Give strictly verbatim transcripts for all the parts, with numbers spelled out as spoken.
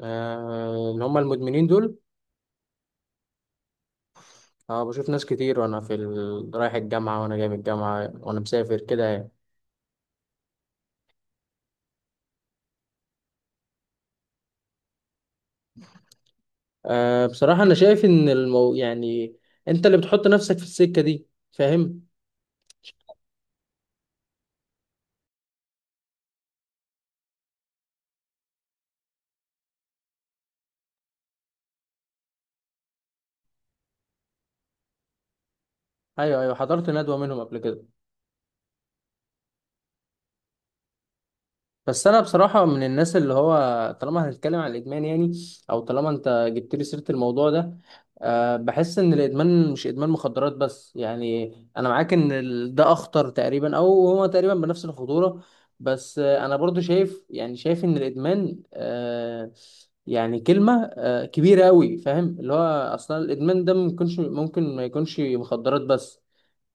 آه، اللي هم المدمنين دول. أه، بشوف ناس كتير وأنا في ال... رايح الجامعة، وأنا جاي من الجامعة، وأنا مسافر كده يعني. أه بصراحة أنا شايف إن المو... يعني أنت اللي بتحط نفسك في السكة دي، فاهم؟ أيوه أيوه، حضرت ندوة منهم قبل كده. بس انا بصراحه من الناس اللي هو، طالما هنتكلم عن الادمان يعني، او طالما انت جبت لي سيره الموضوع ده، أه بحس ان الادمان مش ادمان مخدرات بس، يعني انا معاك ان ال- ده اخطر تقريبا، او هو تقريبا بنفس الخطوره. بس آه، انا برضو شايف، يعني شايف ان الادمان أه، يعني كلمه أه كبيره قوي، فاهم اللي هو اصلا الادمان ده ممكنش ممكن ما يكونش مخدرات بس.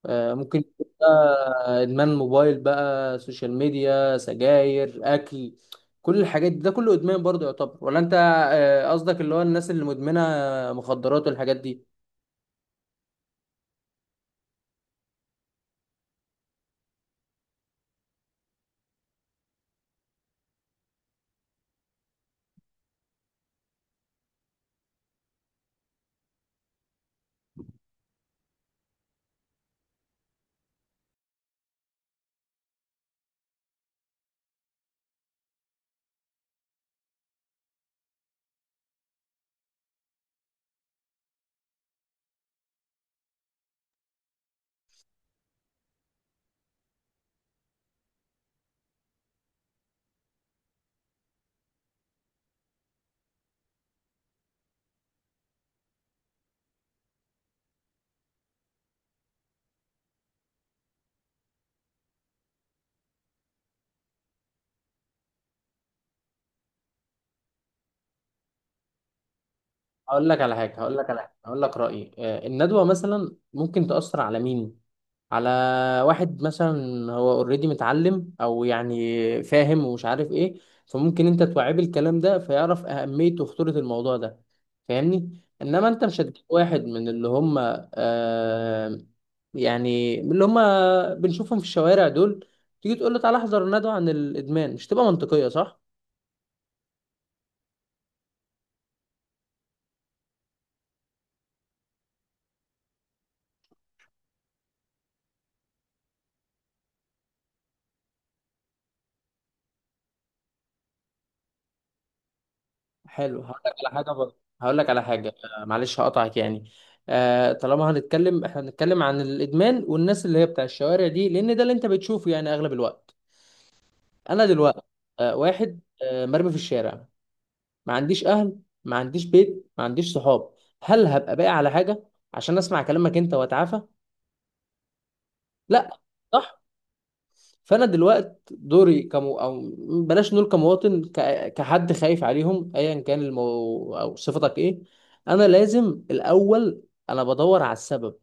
آه، ممكن يكون بقى ادمان موبايل بقى، سوشيال ميديا، سجاير، اكل، كل الحاجات دي ده كله ادمان برضه يعتبر، ولا انت؟ آه، قصدك اللي هو الناس اللي مدمنه مخدرات والحاجات دي؟ هقول لك على حاجه هقول لك على حاجه هقول لك رايي. آه، الندوه مثلا ممكن تاثر على مين؟ على واحد مثلا هو اوريدي متعلم، او يعني فاهم ومش عارف ايه، فممكن انت توعيه بالكلام ده فيعرف اهمية وخطورة الموضوع ده، فاهمني. انما انت مش هتجيب واحد من اللي هم، آه، يعني من اللي هم بنشوفهم في الشوارع دول، تيجي تقول له تعالى احضر ندوة عن الادمان؟ مش تبقى منطقية، صح؟ حلو. هقول لك على حاجه برضه هقول لك على حاجه. آه، معلش هقطعك يعني. آه، طالما هنتكلم، احنا هنتكلم عن الادمان والناس اللي هي بتاع الشوارع دي، لان ده اللي انت بتشوفه يعني اغلب الوقت. انا دلوقتي آه واحد آه مرمي في الشارع، ما عنديش اهل، ما عنديش بيت، ما عنديش صحاب، هل هبقى باقي على حاجه عشان اسمع كلامك انت واتعافى؟ لا. صح. فانا دلوقت دوري كمو او، بلاش نقول كمواطن، ك... كحد خايف عليهم، ايا كان المو... او صفتك ايه. انا لازم الاول، انا بدور على السبب.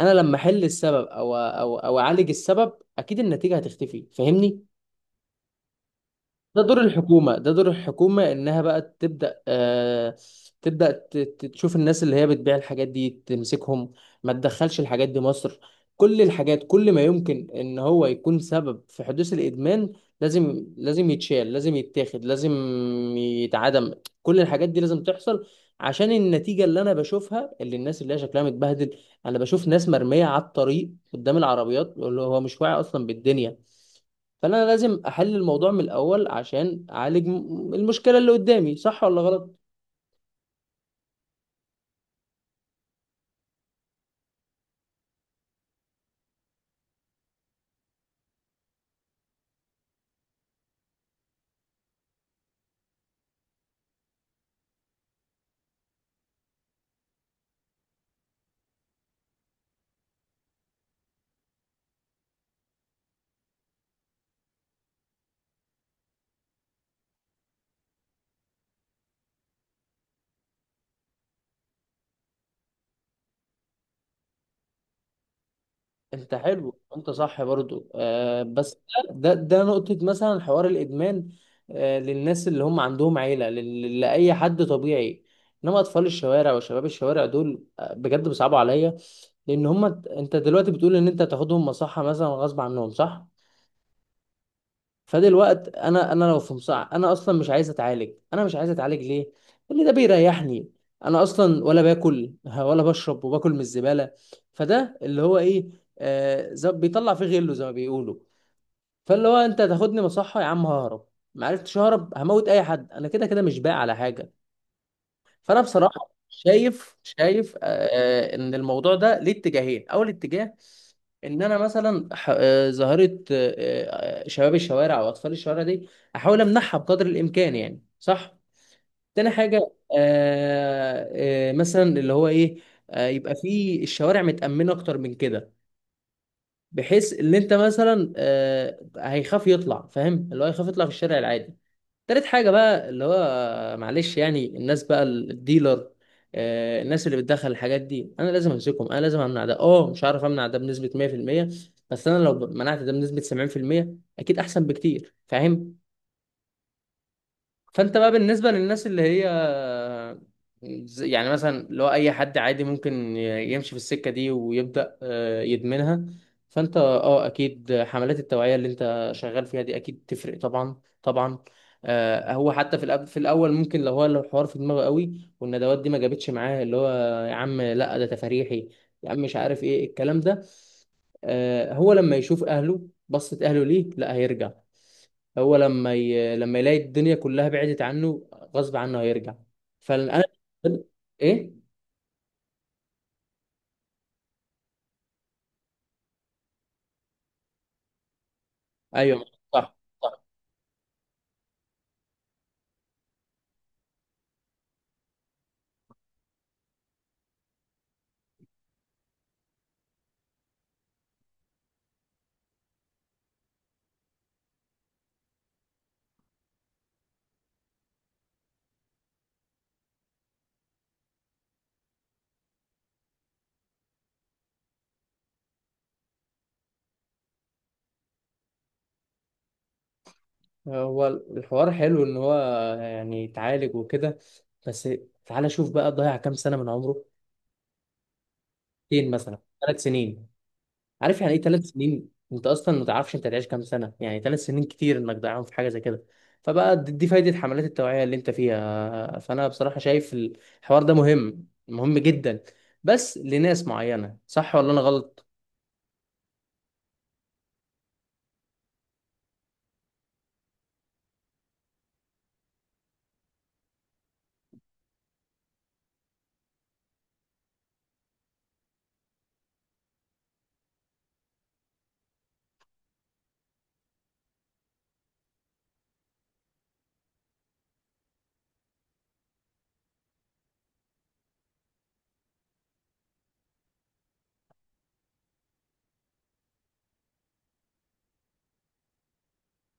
انا لما احل السبب، او او او اعالج السبب، اكيد النتيجة هتختفي، فاهمني. ده دور الحكومة، ده دور الحكومة، إنها بقى تبدأ آه، تبدأ ت- ت- تشوف الناس اللي هي بتبيع الحاجات دي تمسكهم، ما تدخلش الحاجات دي مصر. كل الحاجات، كل ما يمكن إن هو يكون سبب في حدوث الإدمان، لازم، لازم يتشال، لازم يتاخد، لازم يتعدم. كل الحاجات دي لازم تحصل، عشان النتيجة اللي أنا بشوفها، اللي الناس اللي هي شكلها متبهدل. أنا بشوف ناس مرمية على الطريق قدام العربيات، اللي هو مش واعي أصلا بالدنيا. فانا لازم احل الموضوع من الاول عشان اعالج م- المشكله اللي قدامي، صح ولا غلط؟ انت حلو، انت صح برضو آه، بس ده ده ده نقطه مثلا، حوار الادمان آه للناس اللي هم عندهم عيله، لل- لاي حد طبيعي. انما اطفال الشوارع وشباب الشوارع دول، آه، بجد بيصعبوا عليا. لان هم، انت دلوقتي بتقول ان انت تاخدهم مصحه مثلا غصب عنهم، صح؟ فده الوقت انا انا لو في مصع انا اصلا مش عايز اتعالج. انا مش عايز اتعالج ليه؟ اللي ده بيريحني. انا اصلا ولا باكل ولا بشرب، وباكل من الزباله. فده اللي هو ايه، آه زي- بيطلع فيه غله زي ما بيقولوا. فاللي هو انت تاخدني مصحه يا عم، ههرب، ما عرفتش اهرب هموت اي حد، انا كده كده مش باقي على حاجه. فانا بصراحه شايف، شايف آه، آه، ان الموضوع ده ليه اتجاهين. اول اتجاه ان انا مثلا ح- آه، ظاهره آه، آه، شباب الشوارع او اطفال الشوارع دي احاول امنعها بقدر الامكان، يعني صح. تاني حاجه آه، آه، مثلا اللي هو ايه، آه، يبقى في الشوارع متامنه اكتر من كده، بحيث ان انت مثلا، آه، هيخاف يطلع، فاهم اللي هو هيخاف يطلع في الشارع العادي. تالت حاجة بقى، اللي هو معلش يعني الناس بقى، الديلر، آه، الناس اللي بتدخل الحاجات دي، انا لازم امسكهم، انا لازم امنع ده. اه مش عارف امنع ده بنسبة مية في المية، بس انا لو منعت ده بنسبة سبعين في المية اكيد احسن بكتير، فاهم؟ فانت بقى بالنسبه للناس اللي هي، ز- يعني مثلا اللي هو اي حد عادي ممكن ي- يمشي في السكه دي ويبدا، آه، يدمنها. فانت اه اكيد حملات التوعيه اللي انت شغال فيها دي اكيد تفرق، طبعا طبعا. آه، هو حتى في الأب- في الاول ممكن، لو هو لو الحوار في دماغه قوي والندوات دي ما جابتش معاه، اللي هو يا عم لا ده تفاريحي، يا عم مش عارف ايه الكلام ده، آه، هو لما يشوف اهله بصت اهله ليه، لا هيرجع. هو لما ي... لما يلاقي الدنيا كلها بعدت عنه، غصب عنه هيرجع. فانا، ايه، ايوه. صح صح. هو الحوار حلو ان هو يعني اتعالج وكده، بس تعالى شوف بقى، ضيع كام سنه من عمره؟ سنتين مثلا، ثلاث سنين. عارف يعني ايه ثلاث سنين؟ انت اصلا ما تعرفش انت هتعيش كام سنه، يعني ثلاث سنين كتير انك تضيعهم في حاجه زي كده. فبقى دي دي فايده حملات التوعيه اللي انت فيها. فانا بصراحه شايف الحوار ده مهم، مهم جدا، بس لناس معينه، صح ولا انا غلط؟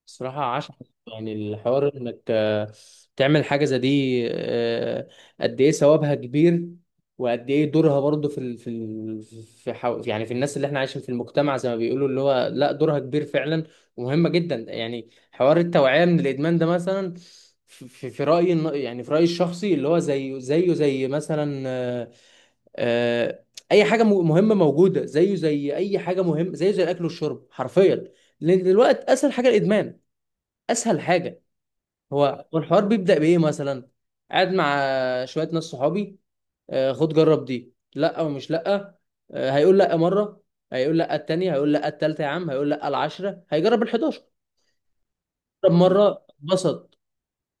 بصراحه عشان يعني الحوار انك، آه، تعمل حاجه زي دي، آه، قد ايه ثوابها كبير، وقد ايه دورها برضو في ال... في ال... في حو... يعني في الناس اللي احنا عايشين في المجتمع زي ما بيقولوا، اللي هو لا، دورها كبير فعلا ومهمه جدا. يعني حوار التوعيه من الادمان ده مثلا، في في في رايي الن- يعني في رايي الشخصي، اللي هو زيه، زيه زي مثلا آه، آه، اي حاجه م- مهمه موجوده، زيه زي اي حاجه مهمه، زيه زي الاكل والشرب حرفيا. لان دلوقتي اسهل حاجه الادمان، اسهل حاجه. هو هو الحوار بيبدا بايه مثلا، قاعد مع شويه ناس صحابي، آه، خد جرب دي، لا او مش لا. آه، هيقول لا مره، هيقول لا التانية، هيقول لا التالتة، يا عم هيقول لا العشرة، هيجرب الحداشر. جرب مرة اتبسط،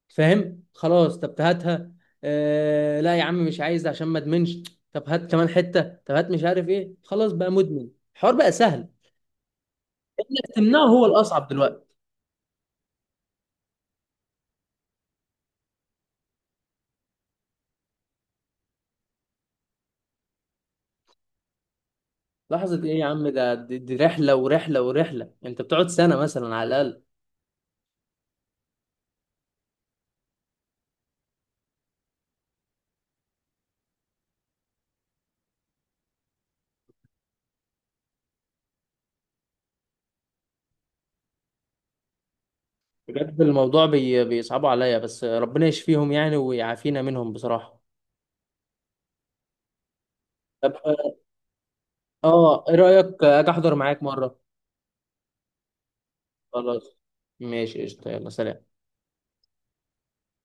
فاهم، خلاص طب هاتها. آه لا يا عم مش عايز عشان ما ادمنش. طب هات كمان حته، طب هات مش عارف ايه، خلاص بقى مدمن. الحوار بقى سهل، انك تمنعه هو الاصعب دلوقتي. لحظه ايه يا عم، ده دي, دي رحله ورحله ورحله، انت بتقعد سنه مثلا على الاقل. بجد الموضوع بي بيصعبوا عليا، بس ربنا يشفيهم يعني ويعافينا منهم بصراحه. طب، اه ايه رايك اجي احضر معاك مره؟ خلاص ماشي قشطه، يلا سلام.